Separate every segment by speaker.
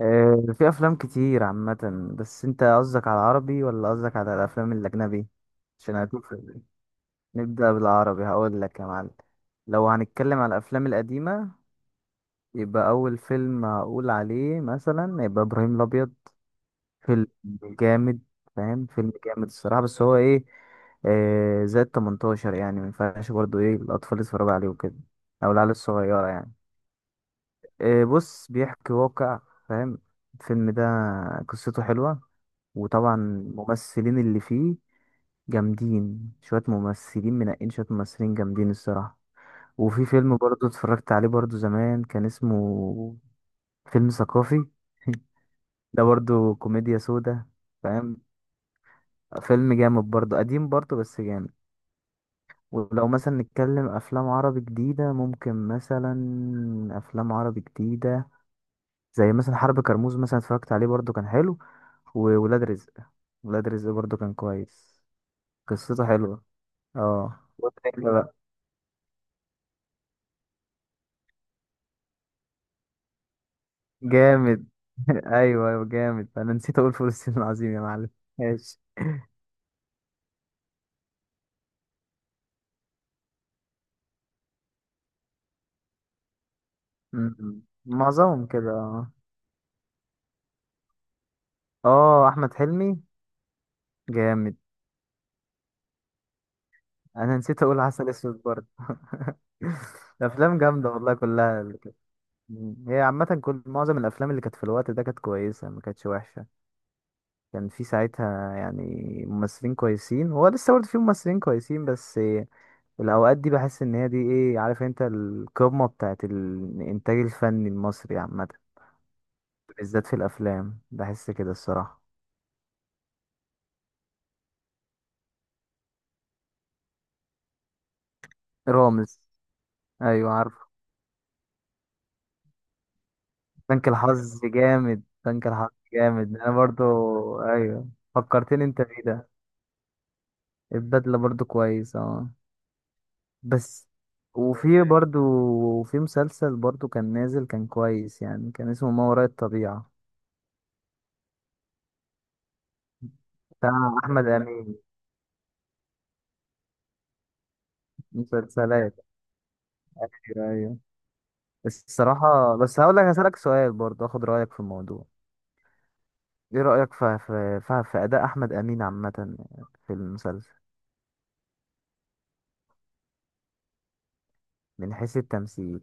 Speaker 1: آه، في افلام كتير عامه. بس انت قصدك على العربي ولا قصدك على الافلام الاجنبي؟ عشان هتوف. نبدا بالعربي، هقول لك يا معلم. لو هنتكلم على الافلام القديمه، يبقى اول فيلم هقول عليه مثلا يبقى ابراهيم الابيض. فيلم جامد، فاهم؟ فيلم جامد الصراحه، بس هو ايه؟ زائد 18 يعني ما ينفعش برضه الاطفال يتفرجوا عليه وكده، او العيال الصغيره يعني. آه، بص بيحكي واقع، فاهم؟ الفيلم ده قصته حلوه، وطبعا الممثلين اللي فيه جامدين. شوية ممثلين منقين، شوية ممثلين جامدين الصراحة. وفي فيلم برضو اتفرجت عليه برضو زمان، كان اسمه فيلم ثقافي. ده برضو كوميديا سودا، فاهم؟ فيلم جامد برضو، قديم برضو بس جامد. ولو مثلا نتكلم أفلام عربي جديدة، ممكن مثلا أفلام عربي جديدة زي مثلا حرب كرموز، مثلا اتفرجت عليه برضو كان حلو. وولاد رزق، ولاد رزق برضو كان كويس، قصته حلوة. اه، وتاني لا، بقى جامد. ايوه ايوه، جامد. انا نسيت اقول فول الصين العظيم يا معلم. ماشي. أمم. معظمهم كده اه. اه، احمد حلمي جامد. انا نسيت اقول عسل اسود برضه. الافلام جامده والله كلها اللي كانت- أمم. هي عامه كل معظم الافلام اللي كانت في الوقت ده كانت كويسه، ما كانتش وحشه. كان في ساعتها يعني ممثلين كويسين، هو لسه برضه في ممثلين كويسين، بس الاوقات دي بحس ان هي دي ايه عارف انت، القمه بتاعت الانتاج الفني المصري عامه. بالذات في الافلام بحس كده الصراحه. رامز. ايوه عارف، بنك الحظ جامد، بنك الحظ جامد. انا برضو ايوه فكرتني انت بيه ده. البدله برضو كويس اه. بس وفي برضو وفي مسلسل برضو كان نازل، كان كويس يعني، كان اسمه ما وراء الطبيعه، بتاع احمد امين. مسلسلات، ايوه أيوة. الصراحة بس هقول لك، هسألك سؤال برضه اخد رأيك في الموضوع. ايه رأيك في في أداء أحمد أمين عامة في المسلسل؟ من حيث التمثيل،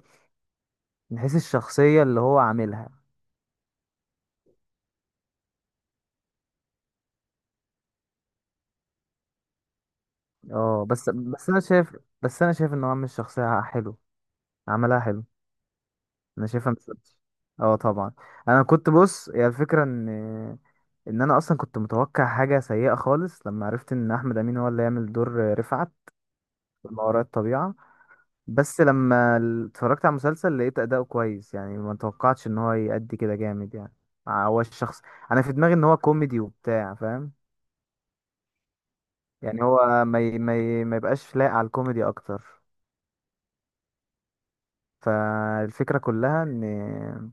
Speaker 1: من حيث الشخصية اللي هو عاملها. اه بس، بس انا شايف ان هو عامل الشخصية حلو، عملها حلو. انا شايفها مسلسل، اه طبعا. انا كنت بص، هي الفكرة ان انا اصلا كنت متوقع حاجة سيئة خالص لما عرفت ان احمد أمين هو اللي يعمل دور رفعت في ما وراء الطبيعة. بس لما اتفرجت على المسلسل لقيت اداؤه كويس يعني، ما توقعتش ان هو يأدي كده جامد يعني. آه، هو الشخص انا في دماغي ان هو كوميدي وبتاع، فاهم؟ يعني هو ما يبقاش لايق على الكوميدي اكتر. فالفكرة كلها ان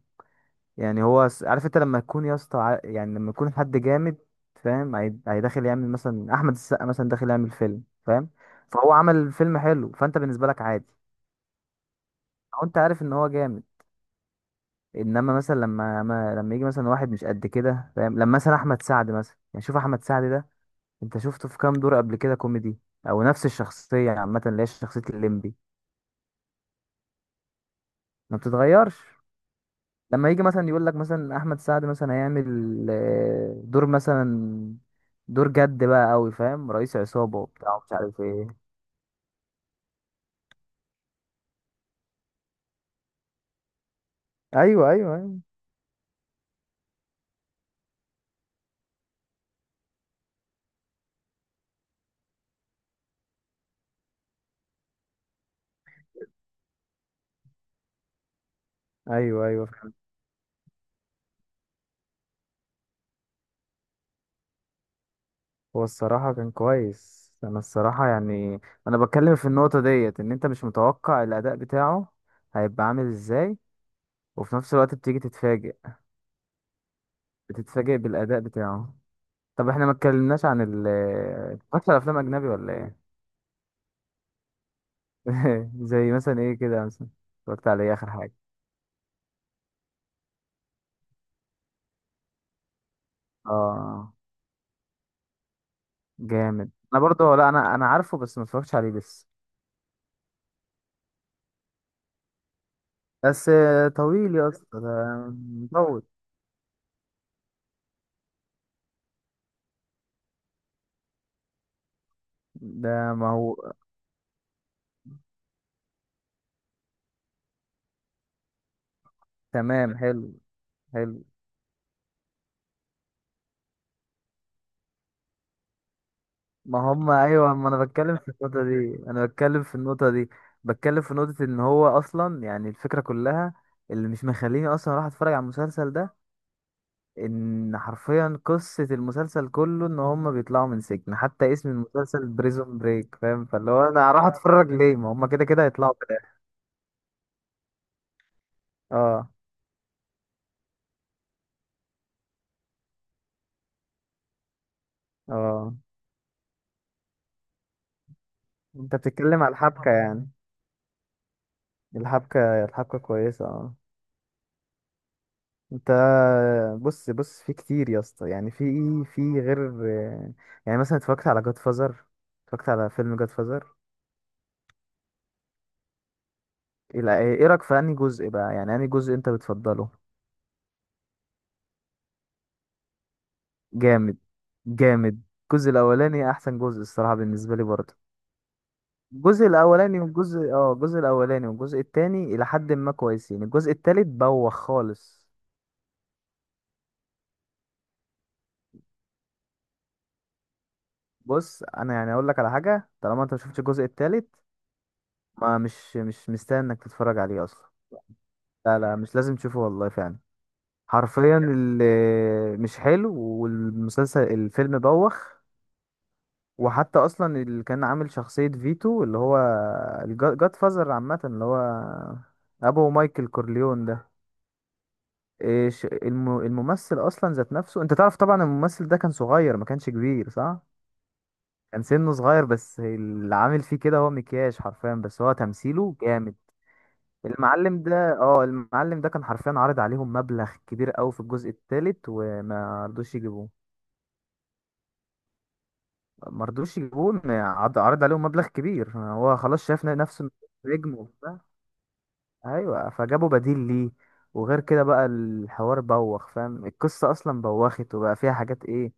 Speaker 1: يعني عارف انت لما يكون يا اسطى يعني لما يكون حد جامد، فاهم؟ هيدخل يعمل مثلا احمد السقا مثلا داخل يعمل فيلم، فاهم؟ فهو عمل فيلم حلو، فانت بالنسبة لك عادي، او انت عارف ان هو جامد. انما مثلا لما يجي مثلا واحد مش قد كده، فاهم؟ لما مثلا احمد سعد مثلا، يعني شوف احمد سعد ده، انت شفته في كام دور قبل كده كوميدي؟ او نفس الشخصيه عامه اللي هي شخصيه الليمبي، ما بتتغيرش. لما يجي مثلا يقول لك مثلا احمد سعد مثلا هيعمل آه، دور مثلا دور جد بقى قوي، فاهم؟ رئيس عصابه وبتاع ومش عارف ايه. ايوه ايوه ايوه ايوه هو الصراحة كان كويس. أنا الصراحة يعني أنا بتكلم في النقطة ديت، إن أنت مش متوقع الأداء بتاعه هيبقى عامل إزاي، وفي نفس الوقت بتيجي تتفاجئ، بتتفاجئ بالأداء بتاعه. طب إحنا ما اتكلمناش عن ال- اتفرجت على أفلام أجنبي ولا إيه؟ زي مثلا إيه كده مثلا، اتفرجت على إيه آخر حاجة؟ آه جامد. أنا برضه لا، أنا عارفه بس ما اتفرجتش عليه لسه. بس طويل يا اسطى ده، مطول ده. ما هو تمام حلو، حلو. ما هم ايوه، ما انا بتكلم في النقطه دي انا بتكلم في النقطه دي، بتكلم في نقطه ان هو اصلا يعني الفكره كلها اللي مش مخليني اصلا اروح اتفرج على المسلسل ده، ان حرفيا قصه المسلسل كله ان هم بيطلعوا من سجن، حتى اسم المسلسل بريزون بريك، فاهم؟ فاللي هو انا هروح اتفرج ليه، ما هم كده كده هيطلعوا في الاخر. اه اه. انت بتتكلم على الحبكه يعني، الحبكه، الحبكه كويسه اه. انت بص بص، في كتير يا اسطى يعني، في ايه؟ في غير يعني مثلا اتفرجت على جاد فازر، اتفرجت على فيلم جاد فازر. ايه، إيه رايك في انهي جزء بقى؟ يعني انهي جزء انت بتفضله؟ جامد، جامد. الجزء الاولاني احسن جزء الصراحه، بالنسبه لي برضه. الجزء الاولاني والجزء اه، الجزء الاولاني والجزء التاني الى حد ما كويسين. الجزء التالت بوخ خالص. بص انا يعني اقول لك على حاجه، طالما انت مشفتش الجزء التالت ما مش مش مستاهل انك تتفرج عليه اصلا. لا لا، مش لازم تشوفه والله فعلا. حرفيا اللي مش حلو، والمسلسل الفيلم بوخ. وحتى اصلا اللي كان عامل شخصية فيتو، اللي هو الجاد فازر عامة، اللي هو ابو مايكل كورليون ده، إيش الممثل اصلا ذات نفسه، انت تعرف طبعا الممثل ده كان صغير، ما كانش كبير صح؟ كان سنه صغير، بس اللي عامل فيه كده هو مكياج حرفيا، بس هو تمثيله جامد. المعلم ده اه، المعلم ده كان حرفيا عارض عليهم مبلغ كبير قوي في الجزء الثالث، وما رضوش يجيبوه. ما رضوش يجيبوه إن عرض عليهم مبلغ كبير، هو خلاص شايف نفسه إنه نجم وبتاع. ايوه، فجابوا بديل ليه. وغير كده بقى الحوار بوخ، فاهم؟ القصه اصلا بوخت، وبقى فيها حاجات ايه،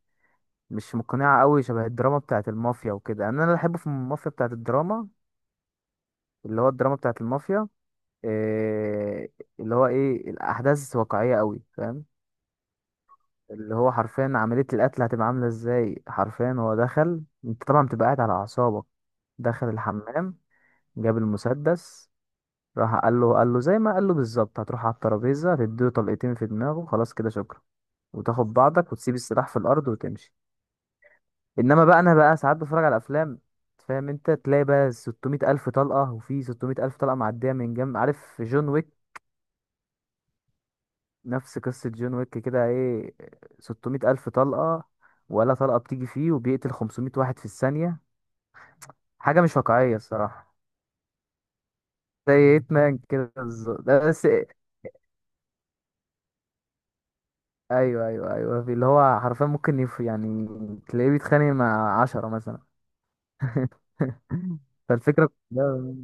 Speaker 1: مش مقنعه قوي. شبه الدراما بتاعه المافيا وكده يعني، انا اللي بحبه في المافيا بتاعه الدراما، اللي هو الدراما بتاعه المافيا إيه، اللي هو ايه الاحداث واقعيه قوي، فاهم؟ اللي هو حرفيا عملية القتل هتبقى عاملة ازاي، حرفيا هو دخل، انت طبعا بتبقى قاعد على أعصابك، دخل الحمام، جاب المسدس، راح قال له، قال له زي ما قال له بالظبط، هتروح على الترابيزة، هتديله طلقتين في دماغه، خلاص كده شكرا، وتاخد بعضك وتسيب السلاح في الأرض وتمشي. إنما بقى أنا بقى ساعات بتفرج على أفلام، فاهم؟ أنت تلاقي بقى 600 ألف طلقة، وفي 600 ألف طلقة معدية من جنب، عارف جون ويك؟ نفس قصة جون ويك كده، ايه، 600 ألف طلقة ولا طلقة بتيجي فيه، وبيقتل 500 واحد في الثانية. حاجة مش واقعية الصراحة. زي هيتمان كده بالظبط ده بس. ايوه في اللي هو حرفيا ممكن يعني تلاقيه بيتخانق مع عشرة مثلا. فالفكرة كلها-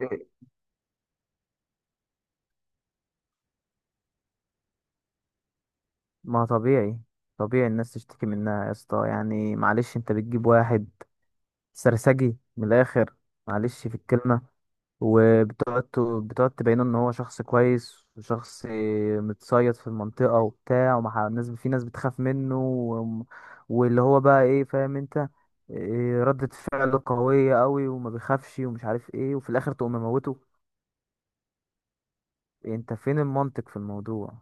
Speaker 1: إيه، ما طبيعي. طبيعي الناس تشتكي منها يا اسطى يعني. معلش انت بتجيب واحد سرسجي من الآخر، معلش في الكلمة، بتقعد تبينه ان هو شخص كويس، وشخص متصيد في المنطقة وبتاع، ومع الناس في ناس بتخاف منه والل هو بقى ايه، فاهم انت؟ إيه، ردة فعله قوية قوي وما بيخافش ومش عارف ايه، وفي الاخر تقوم مموته. انت فين المنطق في الموضوع؟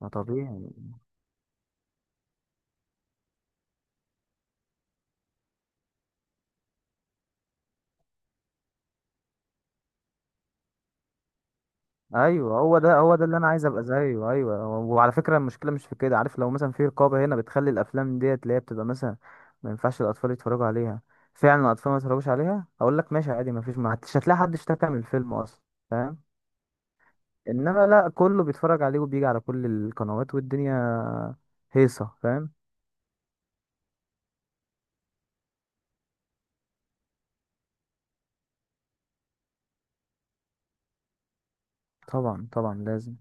Speaker 1: ما طبيعي. ايوه، هو ده اللي انا عايز ابقى زيه. ايوه، وعلى فكره المشكله مش في كده، عارف؟ لو مثلا في رقابه هنا بتخلي الافلام ديت اللي هي بتبقى مثلا ما ينفعش الاطفال يتفرجوا عليها فعلا، الاطفال ما يتفرجوش عليها، اقول لك ماشي عادي، ما فيش، ما حدش هتلاقي حد اشتكى من الفيلم اصلا، فاهم؟ انما لا، كله بيتفرج عليه وبيجي على كل القنوات والدنيا هيصه، فاهم؟ طبعا طبعا لازم.